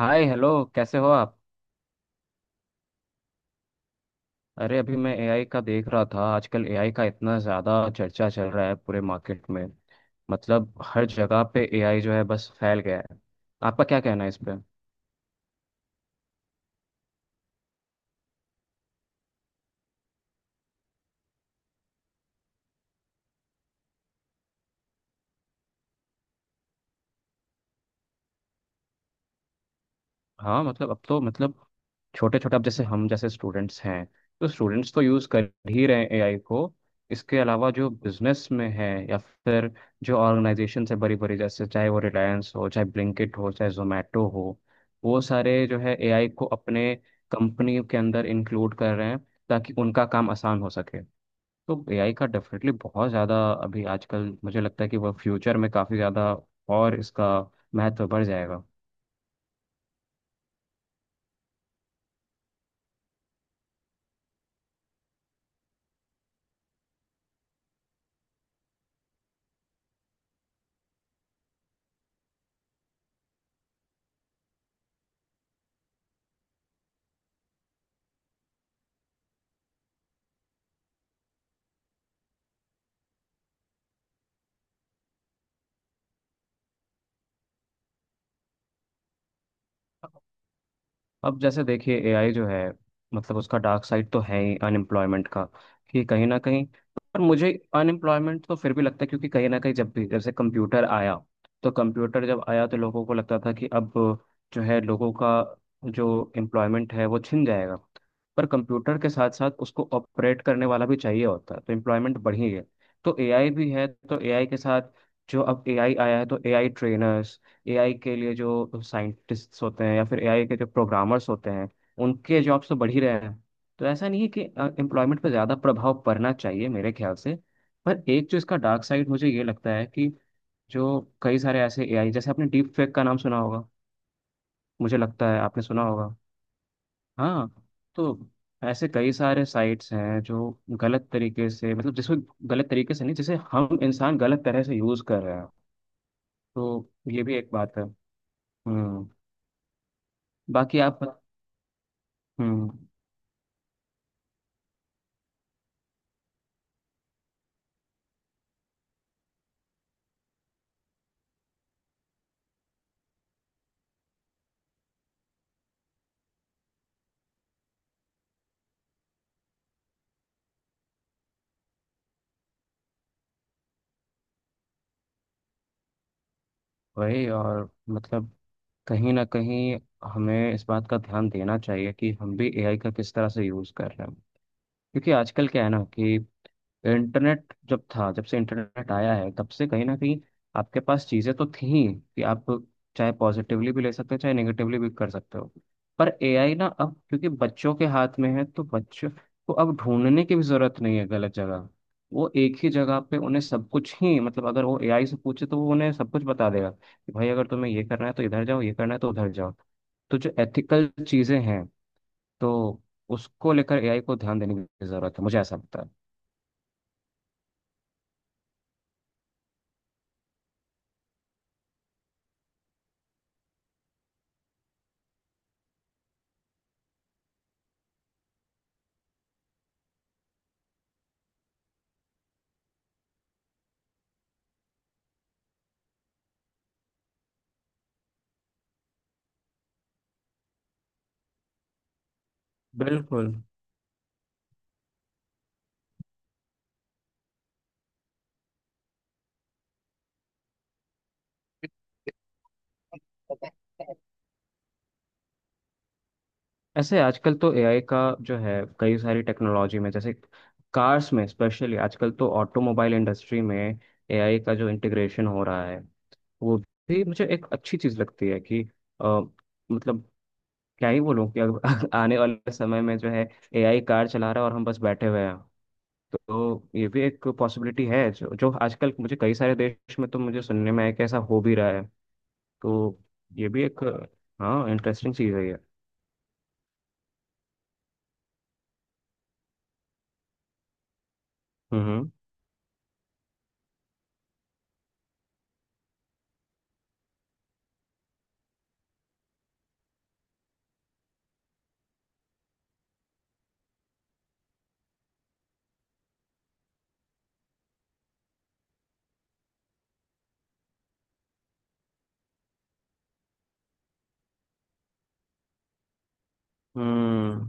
हाय hello. कैसे हो आप? अरे अभी मैं एआई का देख रहा था। आजकल एआई का इतना ज़्यादा चर्चा चल रहा है पूरे मार्केट में। मतलब हर जगह पे एआई जो है बस फैल गया है। आपका क्या कहना है इस पे? हाँ मतलब अब तो मतलब छोटे छोटे अब जैसे हम जैसे स्टूडेंट्स हैं तो स्टूडेंट्स तो यूज़ कर ही रहे हैं एआई को। इसके अलावा जो बिजनेस में है या फिर जो ऑर्गेनाइजेशन है बड़ी बड़ी, जैसे चाहे वो रिलायंस हो चाहे ब्लिंकिट हो चाहे जोमेटो हो, वो सारे जो है एआई को अपने कंपनी के अंदर इंक्लूड कर रहे हैं ताकि उनका काम आसान हो सके। तो एआई का डेफिनेटली बहुत ज़्यादा अभी आजकल मुझे लगता है कि वह फ्यूचर में काफ़ी ज़्यादा और इसका महत्व बढ़ जाएगा। अब जैसे देखिए एआई जो है, मतलब उसका डार्क साइड तो है ही अनएम्प्लॉयमेंट का, कि कहीं ना कहीं। पर मुझे अनएम्प्लॉयमेंट तो फिर भी लगता है क्योंकि कहीं ना कहीं, जब भी जैसे कंप्यूटर आया, तो कंप्यूटर जब आया तो लोगों को लगता था कि अब जो है लोगों का जो एम्प्लॉयमेंट है वो छिन जाएगा। पर कंप्यूटर के साथ साथ उसको ऑपरेट करने वाला भी चाहिए होता है तो एम्प्लॉयमेंट बढ़ी है। तो एआई भी है तो एआई के साथ, जो अब एआई आया है तो एआई ट्रेनर्स, एआई के लिए जो साइंटिस्ट्स होते हैं या फिर एआई के जो प्रोग्रामर्स होते हैं, उनके जॉब्स तो बढ़ ही रहे हैं। तो ऐसा नहीं है कि एम्प्लॉयमेंट पर ज़्यादा प्रभाव पड़ना चाहिए मेरे ख्याल से। पर एक जो इसका डार्क साइड मुझे ये लगता है कि जो कई सारे ऐसे एआई, जैसे आपने डीप फेक का नाम सुना होगा, मुझे लगता है आपने सुना होगा। हाँ। तो ऐसे कई सारे साइट्स हैं जो गलत तरीके से, मतलब जिसको गलत तरीके से नहीं, जिसे हम इंसान गलत तरह से यूज़ कर रहे हैं। तो ये भी एक बात है। हम्म। बाकी आप। हम्म। वही, और मतलब कहीं ना कहीं हमें इस बात का ध्यान देना चाहिए कि हम भी एआई का किस तरह से यूज़ कर रहे हैं, क्योंकि आजकल क्या है ना कि इंटरनेट जब था, जब से इंटरनेट आया है, तब से कहीं ना कहीं आपके पास चीज़ें तो थी कि आप चाहे पॉजिटिवली भी ले सकते हो चाहे नेगेटिवली भी कर सकते हो। पर एआई ना अब क्योंकि बच्चों के हाथ में है तो बच्चों को अब ढूंढने की भी जरूरत नहीं है गलत जगह। वो एक ही जगह पे उन्हें सब कुछ ही, मतलब अगर वो एआई से पूछे तो वो उन्हें सब कुछ बता देगा कि भाई अगर तुम्हें ये करना है तो इधर जाओ, ये करना है तो उधर जाओ। तो जो एथिकल चीज़ें हैं, तो उसको लेकर एआई को ध्यान देने की जरूरत है मुझे ऐसा लगता है। बिल्कुल। ऐसे आजकल तो एआई का जो है कई सारी टेक्नोलॉजी में, जैसे कार्स में स्पेशली आजकल तो ऑटोमोबाइल इंडस्ट्री में एआई का जो इंटीग्रेशन हो रहा है वो भी मुझे एक अच्छी चीज लगती है कि अ, मतलब क्या ही बोलूं कि अगर आने वाले समय में जो है एआई कार चला रहा है और हम बस बैठे हुए हैं, तो ये भी एक पॉसिबिलिटी है। जो जो आजकल मुझे कई सारे देश में तो मुझे सुनने में है कि ऐसा हो भी रहा है। तो ये भी एक, हाँ, इंटरेस्टिंग चीज़ है ये। हम्म हम्म। हम्म।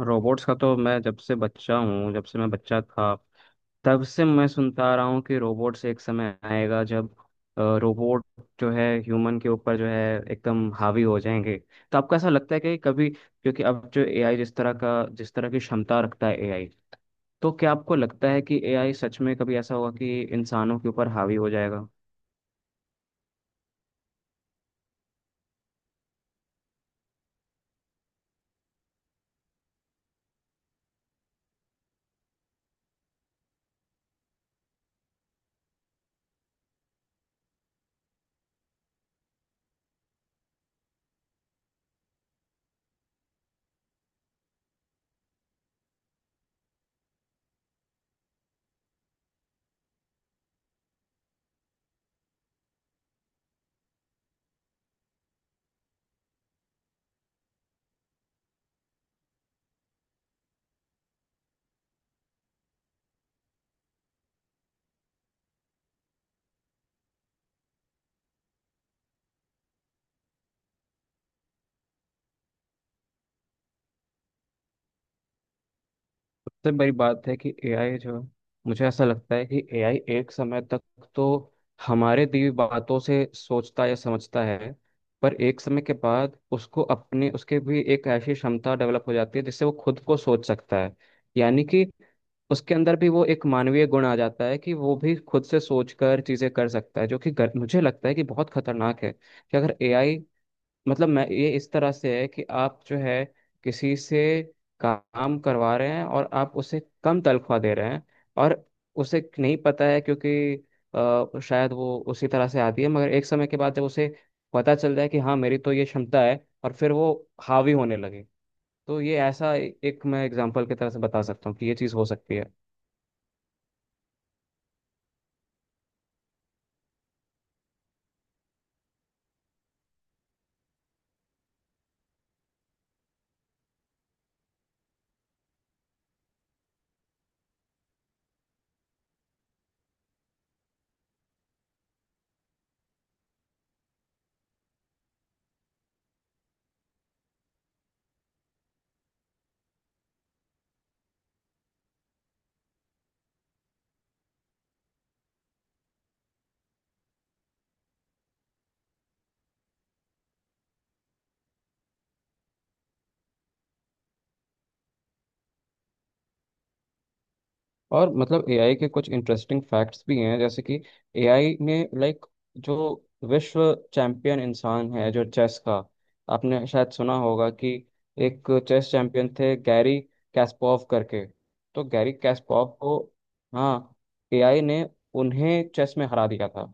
रोबोट्स का तो मैं जब से बच्चा हूँ, जब से मैं बच्चा था, तब से मैं सुनता आ रहा हूँ कि रोबोट्स एक समय आएगा जब रोबोट जो है ह्यूमन के ऊपर जो है एकदम हावी हो जाएंगे। तो आपको ऐसा लगता है कि कभी, क्योंकि अब जो एआई जिस तरह का जिस तरह की क्षमता रखता है एआई, तो क्या आपको लगता है कि एआई सच में कभी ऐसा होगा कि इंसानों के ऊपर हावी हो जाएगा? सबसे बड़ी बात है कि एआई जो, मुझे ऐसा लगता है कि एआई एक समय तक तो हमारे दी हुई बातों से सोचता या समझता है। पर एक समय के बाद उसको अपने उसके भी एक ऐसी क्षमता डेवलप हो जाती है जिससे वो खुद को सोच सकता है, यानी कि उसके अंदर भी वो एक मानवीय गुण आ जाता है कि वो भी खुद से सोचकर चीजें कर सकता है, जो कि मुझे लगता है कि बहुत खतरनाक है कि अगर एआई, मतलब मैं ये इस तरह से है कि आप जो है किसी से काम करवा रहे हैं और आप उसे कम तनख्वाह दे रहे हैं, और उसे नहीं पता है क्योंकि शायद वो उसी तरह से आती है। मगर एक समय के बाद जब उसे पता चल जाए कि हाँ मेरी तो ये क्षमता है और फिर वो हावी होने लगे, तो ये ऐसा एक मैं एग्जाम्पल की तरह से बता सकता हूँ कि ये चीज़ हो सकती है। और मतलब एआई के कुछ इंटरेस्टिंग फैक्ट्स भी हैं जैसे कि एआई ने लाइक जो विश्व चैंपियन इंसान है जो चेस का, आपने शायद सुना होगा कि एक चेस चैंपियन थे गैरी कैस्पोव करके। तो गैरी कैस्पोव को, हाँ, एआई ने उन्हें चेस में हरा दिया था।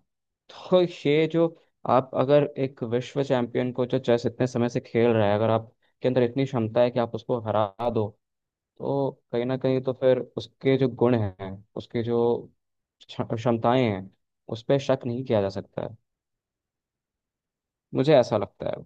तो ये जो, आप अगर एक विश्व चैंपियन को जो चेस इतने समय से खेल रहा है, अगर आपके अंदर इतनी क्षमता है कि आप उसको हरा दो, तो कहीं ना कहीं तो फिर उसके जो गुण हैं, उसके जो क्षमताएं हैं, उस पर शक नहीं किया जा सकता है। मुझे ऐसा लगता है।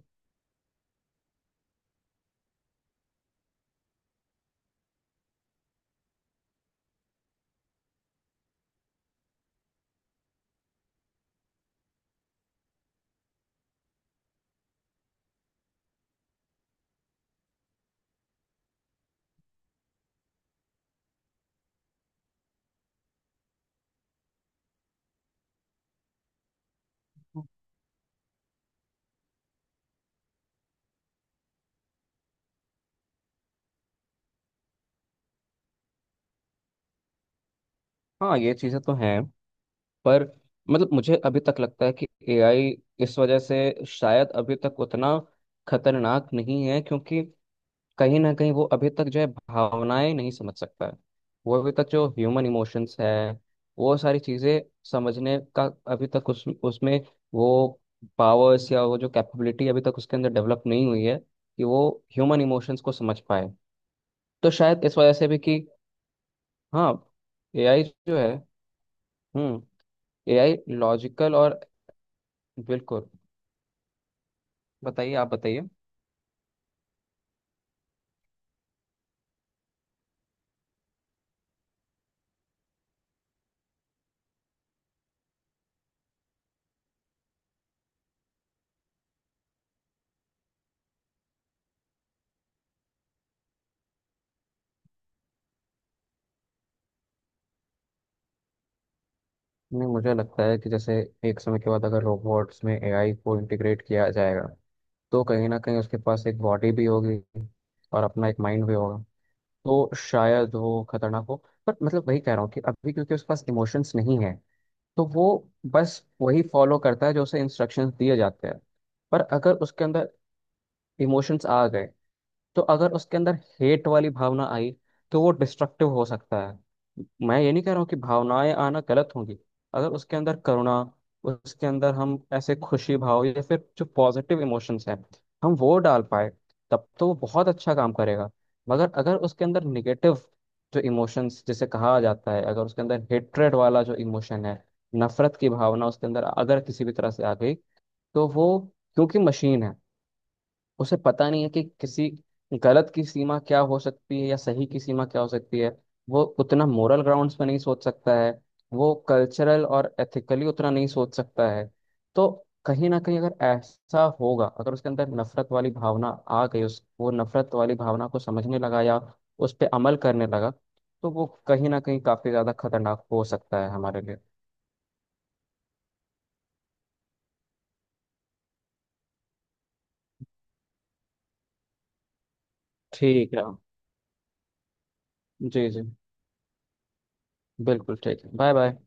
हाँ ये चीज़ें तो हैं। पर मतलब मुझे अभी तक लगता है कि एआई इस वजह से शायद अभी तक उतना खतरनाक नहीं है, क्योंकि कहीं ना कहीं वो अभी तक जो है भावनाएं नहीं समझ सकता है। वो अभी तक जो ह्यूमन इमोशंस है, वो सारी चीज़ें समझने का अभी तक उस उसमें वो पावर्स या वो जो कैपेबिलिटी अभी तक उसके अंदर डेवलप नहीं हुई है कि वो ह्यूमन इमोशंस को समझ पाए। तो शायद इस वजह से भी कि हाँ एआई जो है, हम्म, एआई लॉजिकल और बिल्कुल। बताइए, आप बताइए। नहीं मुझे लगता है कि जैसे एक समय के बाद अगर रोबोट्स में एआई को इंटीग्रेट किया जाएगा तो कहीं ना कहीं उसके पास एक बॉडी भी होगी और अपना एक माइंड भी होगा। तो शायद वो खतरनाक हो। पर मतलब वही कह रहा हूँ कि अभी क्योंकि उसके पास इमोशंस नहीं है तो वो बस वही फॉलो करता है जो उसे इंस्ट्रक्शंस दिए जाते हैं। पर अगर उसके अंदर इमोशंस आ गए, तो अगर उसके अंदर हेट वाली भावना आई, तो वो डिस्ट्रक्टिव हो सकता है। मैं ये नहीं कह रहा हूँ कि भावनाएं आना गलत होंगी। अगर उसके अंदर करुणा, उसके अंदर हम ऐसे खुशी भाव या फिर जो पॉजिटिव इमोशंस हैं हम वो डाल पाए, तब तो वो बहुत अच्छा काम करेगा। मगर अगर उसके अंदर निगेटिव जो इमोशंस जिसे कहा जाता है, अगर उसके अंदर हेट्रेड वाला जो इमोशन है, नफरत की भावना उसके अंदर अगर किसी भी तरह से आ गई, तो वो, क्योंकि मशीन है, उसे पता नहीं है कि किसी गलत की सीमा क्या हो सकती है या सही की सीमा क्या हो सकती है। वो उतना मोरल ग्राउंड्स पे नहीं सोच सकता है। वो कल्चरल और एथिकली उतना नहीं सोच सकता है। तो कहीं ना कहीं अगर ऐसा होगा, अगर उसके अंदर नफरत वाली भावना आ गई, उस वो नफरत वाली भावना को समझने लगा या उस पर अमल करने लगा, तो वो कहीं ना कहीं काफी ज्यादा खतरनाक हो सकता है हमारे लिए। ठीक है। जी जी। बिल्कुल ठीक है। Bye bye.